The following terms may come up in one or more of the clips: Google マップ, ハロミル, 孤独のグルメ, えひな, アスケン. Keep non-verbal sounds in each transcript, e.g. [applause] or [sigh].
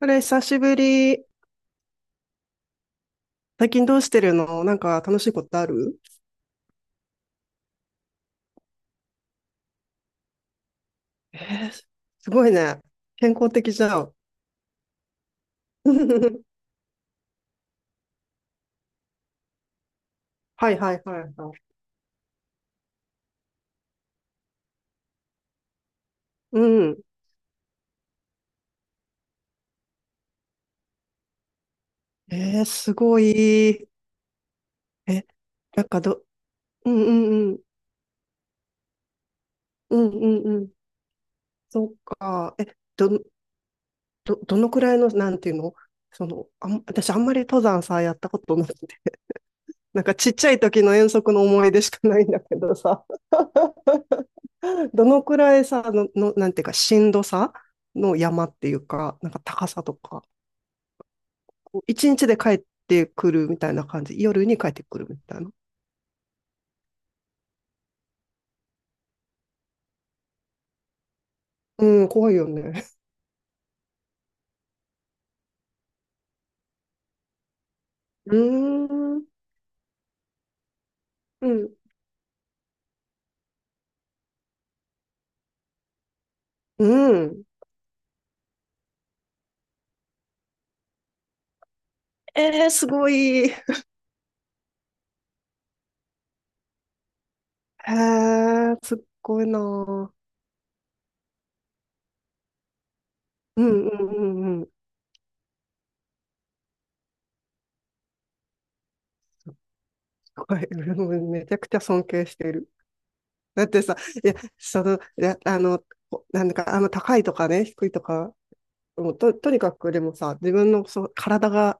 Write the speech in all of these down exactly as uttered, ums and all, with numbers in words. あれ、久しぶり。最近どうしてるの？なんか楽しいことある？えー、すごいね。健康的じゃん。[laughs] はいはいはいはい。うん。えー、すごい。え、なんかど、うんうんうん。うんうんうん。そっか。え、ど、ど、どのくらいの、なんていうの？その、あん、私あんまり登山さ、やったことなくて。[laughs] なんかちっちゃい時の遠足の思い出しかないんだけどさ。どのくらいさ、の、の、なんていうか、しんどさの山っていうか、なんか高さとか、こう一日で帰ってくるみたいな感じ、夜に帰ってくるみたいな。うん、怖いよね。うーん、うん、うん。えー、すごい。へー、すっごいなー。うんうんうんうん。すっごい。俺もめちゃくちゃ尊敬してる。だってさ、いや、その、いや、あの、こなんか、あの、高いとかね、低いとか、もうと、とにかくでもさ、自分のそう体が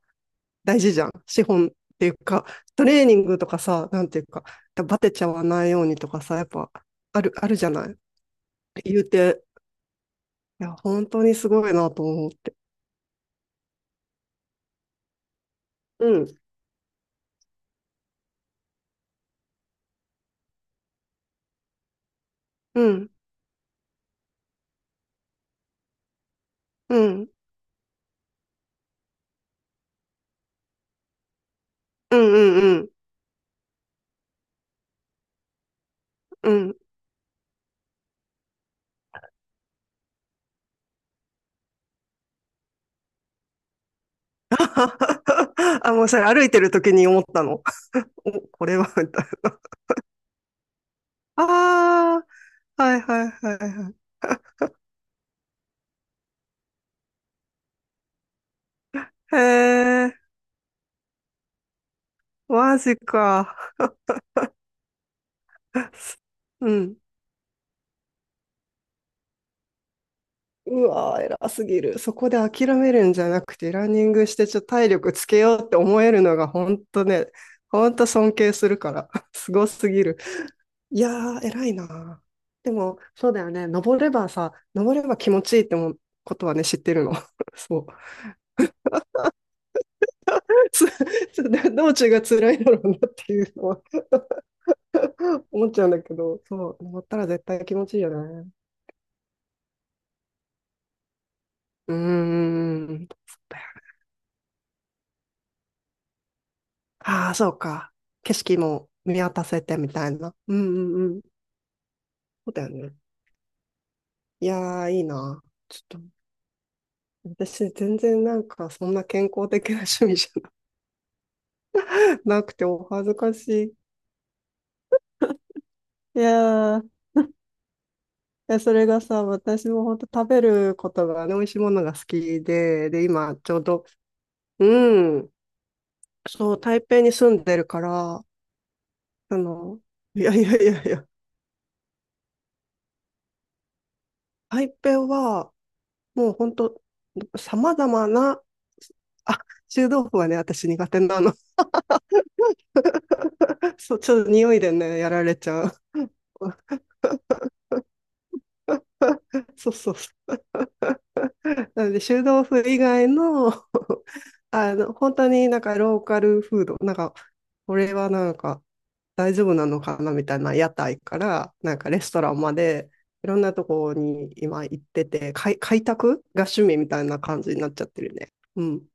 大事じゃん。資本っていうか、トレーニングとかさ、なんていうか、バテちゃわないようにとかさ、やっぱある、あるじゃない。言うて、いや、本当にすごいなと思って。うん、うん、うん、うん、うん、うん、うん。[laughs] あ、もうそれ歩いてる時に思ったの？お、これは、みたいな。ああ、はいはいはいはい。へえ、マジか。[laughs] うん。うわー、偉すぎる。そこで諦めるんじゃなくて、ランニングしてちょっと体力つけようって思えるのが本当ね、本当尊敬するから、[laughs] すごすぎる。いやー、偉いな。でも、そうだよね。登ればさ、登れば気持ちいいってもことはね、知ってるの。[laughs] そう。つつ道中が辛いだろうなっていうのは [laughs] 思っちゃうんだけど、そう、登ったら絶対気持ちいいよね。うーん。ああ、そうか。景色も見渡せてみたいな。うんうんうん。そうだよね。いやー、いいな。ちょっと、私、全然なんか、そんな健康的な趣味じゃなくて、お恥ずかしい。いやー、いやそれがさ、私も本当食べることがね、美味しいものが好きで、で、今、ちょうど、うん、そう、台北に住んでるから、あの、いやいやいやいや、台北は、もう本当様々な、あ、臭豆腐はね、私苦手なの。[laughs] そう、ちょっと匂いでね、やられちゃう。[laughs] そうそうそう。なので、臭豆腐以外の、あの、本当になんかローカルフード、なんか、これはなんか大丈夫なのかなみたいな屋台から、なんかレストランまで、いろんなところに今行ってて、開、開拓が趣味みたいな感じになっちゃってるね。うん。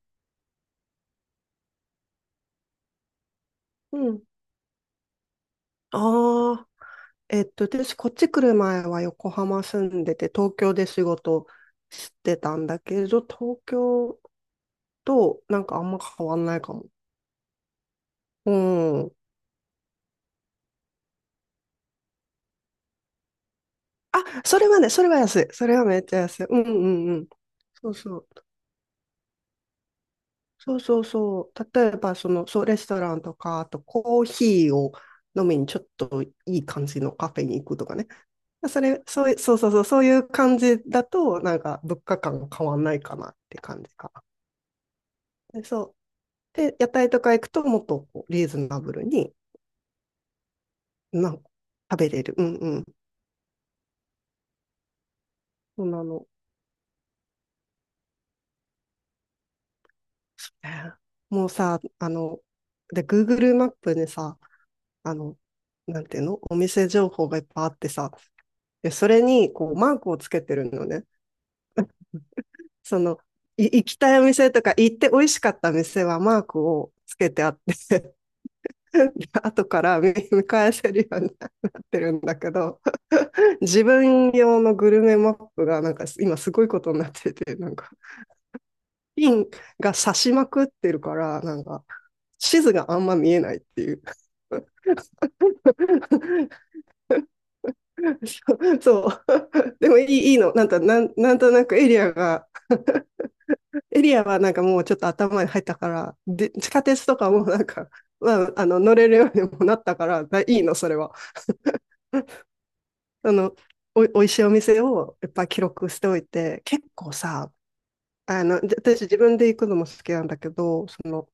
うん。あー、えっと、私、こっち来る前は横浜住んでて、東京で仕事してたんだけど、東京となんかあんま変わんないかも。うん。あ、それはね、それは安い。それはめっちゃ安い。うんうんうん。そうそう。そうそうそう。例えば、その、そう、レストランとか、あとコーヒーを飲みにちょっといい感じのカフェに行くとかね。それ、そういう、そうそうそう、そういう感じだと、なんか物価感変わんないかなって感じかな。でそうで、屋台とか行くともっとこうリーズナブルに、なんか食べれる。うんうん。そんなの。そうね、もうさ、あの、で、Google マップでさ、あの、なんていうの、お店情報がいっぱいあってさ、でそれにこうマークをつけてるのね。その、い行きたいお店とか行って美味しかった店はマークをつけてあって [laughs] 後から見、見返せるようになってるんだけど、自分用のグルメマップがなんか今すごいことになってて、なんかピンが刺しまくってるから、なんか、地図があんま見えないっていう。[laughs] そう。でもいいいいの。なんとなん、なんとなくエリアが、エリアはなんかもうちょっと頭に入ったから、で地下鉄とかもなんか、まあ、あの乗れるようにもなったからだ、いいの、それは。あの、お、おいしいお店をいっぱい記録しておいて、結構さ、あの、私自分で行くのも好きなんだけど、その、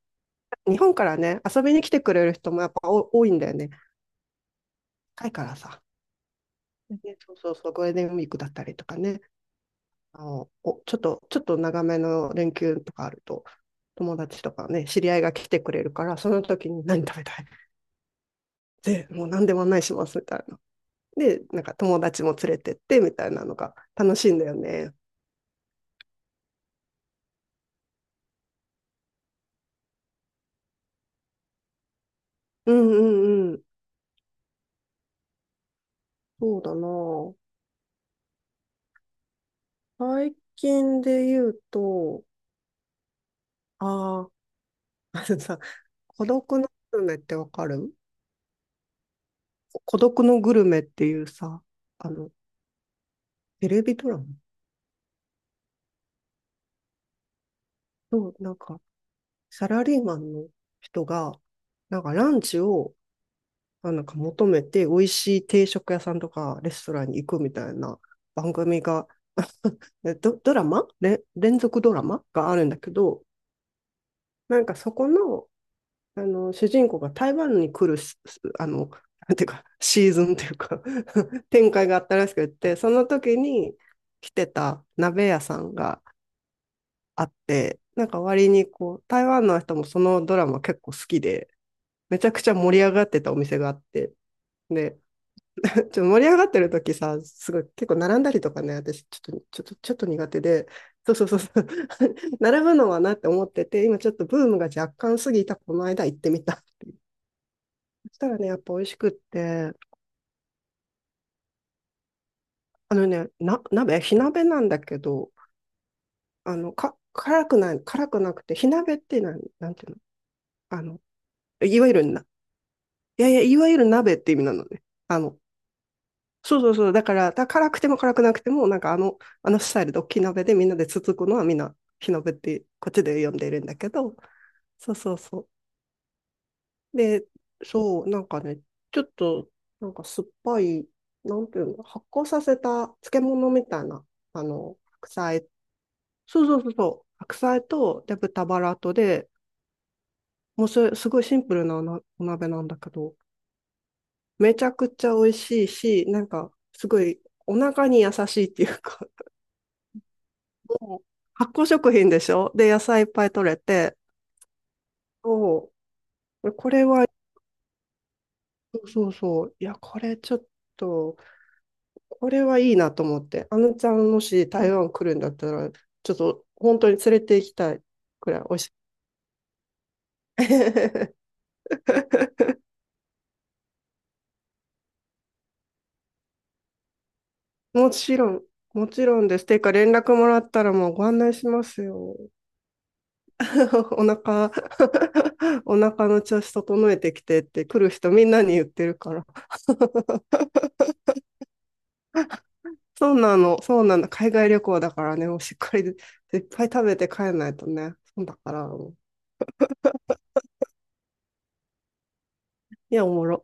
日本からね、遊びに来てくれる人もやっぱ多いんだよね。高いからさ。でそうそうそう、ゴールデンウィークだったりとかね、あの、お、ちょっと、ちょっと長めの連休とかあると、友達とかね、知り合いが来てくれるから、その時に何食べたい？ [laughs] で、もう何でも案内しますみたいな。で、なんか友達も連れてってみたいなのが楽しいんだよね。うんうんうん。そうだな。最近で言うと、ああ、[laughs] あのさ、孤独のグルメってわかる？孤独のグルメっていうさ、あの、テレビドラマ、そう、なんか、サラリーマンの人が、なんかランチを、あ、なんか求めて、美味しい定食屋さんとかレストランに行くみたいな番組が、えド、ドラマれ連続ドラマがあるんだけど、なんかそこの、あの、主人公が台湾に来るし、あの、なんていうか、シーズンっていうか [laughs] 展開があったらしくって、その時に来てた鍋屋さんがあって、なんか割にこう、台湾の人もそのドラマ結構好きで、めちゃくちゃ盛り上がってたお店があって、で、[laughs] ちょっと盛り上がってる時さ、すごい結構並んだりとかね、私ちょっと、ちょっと、ちょっと苦手で、そうそうそうそう、[laughs] 並ぶのはなって思ってて、今ちょっとブームが若干過ぎたこの間行ってみたっていう。そしたらね、やっぱ美味しくって、あのね、な、鍋、火鍋なんだけど、あの、か、辛くない、辛くなくて、火鍋ってなん、なんていうの？あの、いわゆるな、いやいや、いわゆる鍋って意味なのね。あの、そうそうそう。だから、だから辛くても辛くなくても、なんかあの、あのスタイルで大きい鍋でみんなでつつくのはみんな火鍋ってこっちで呼んでいるんだけど、そうそうそう。で、そう、なんかね、ちょっと、なんか酸っぱい、なんていうの、発酵させた漬物みたいな、あの、白菜、そうそうそうそう、白菜と、で、豚バラとで、もうそれ、すごいシンプルなおなお鍋なんだけど、めちゃくちゃ美味しいし、なんか、すごいお腹に優しいっていうか、そう、発酵食品でしょ、で、野菜いっぱい取れて、そう。これは、そうそうそう。いや、これちょっと、これはいいなと思って。あのちゃん、もし台湾来るんだったら、ちょっと本当に連れて行きたいくらい美味しい。[laughs] もちろん、もちろんです。ていうか、連絡もらったらもうご案内しますよ。[laughs] お腹、[laughs] お腹の調子整えてきてって来る人みんなに言ってるから。そうなの、そうなの。海外旅行だからね、もうしっかりいっぱい食べて帰んないとね。そうだから、もういや、おもろ。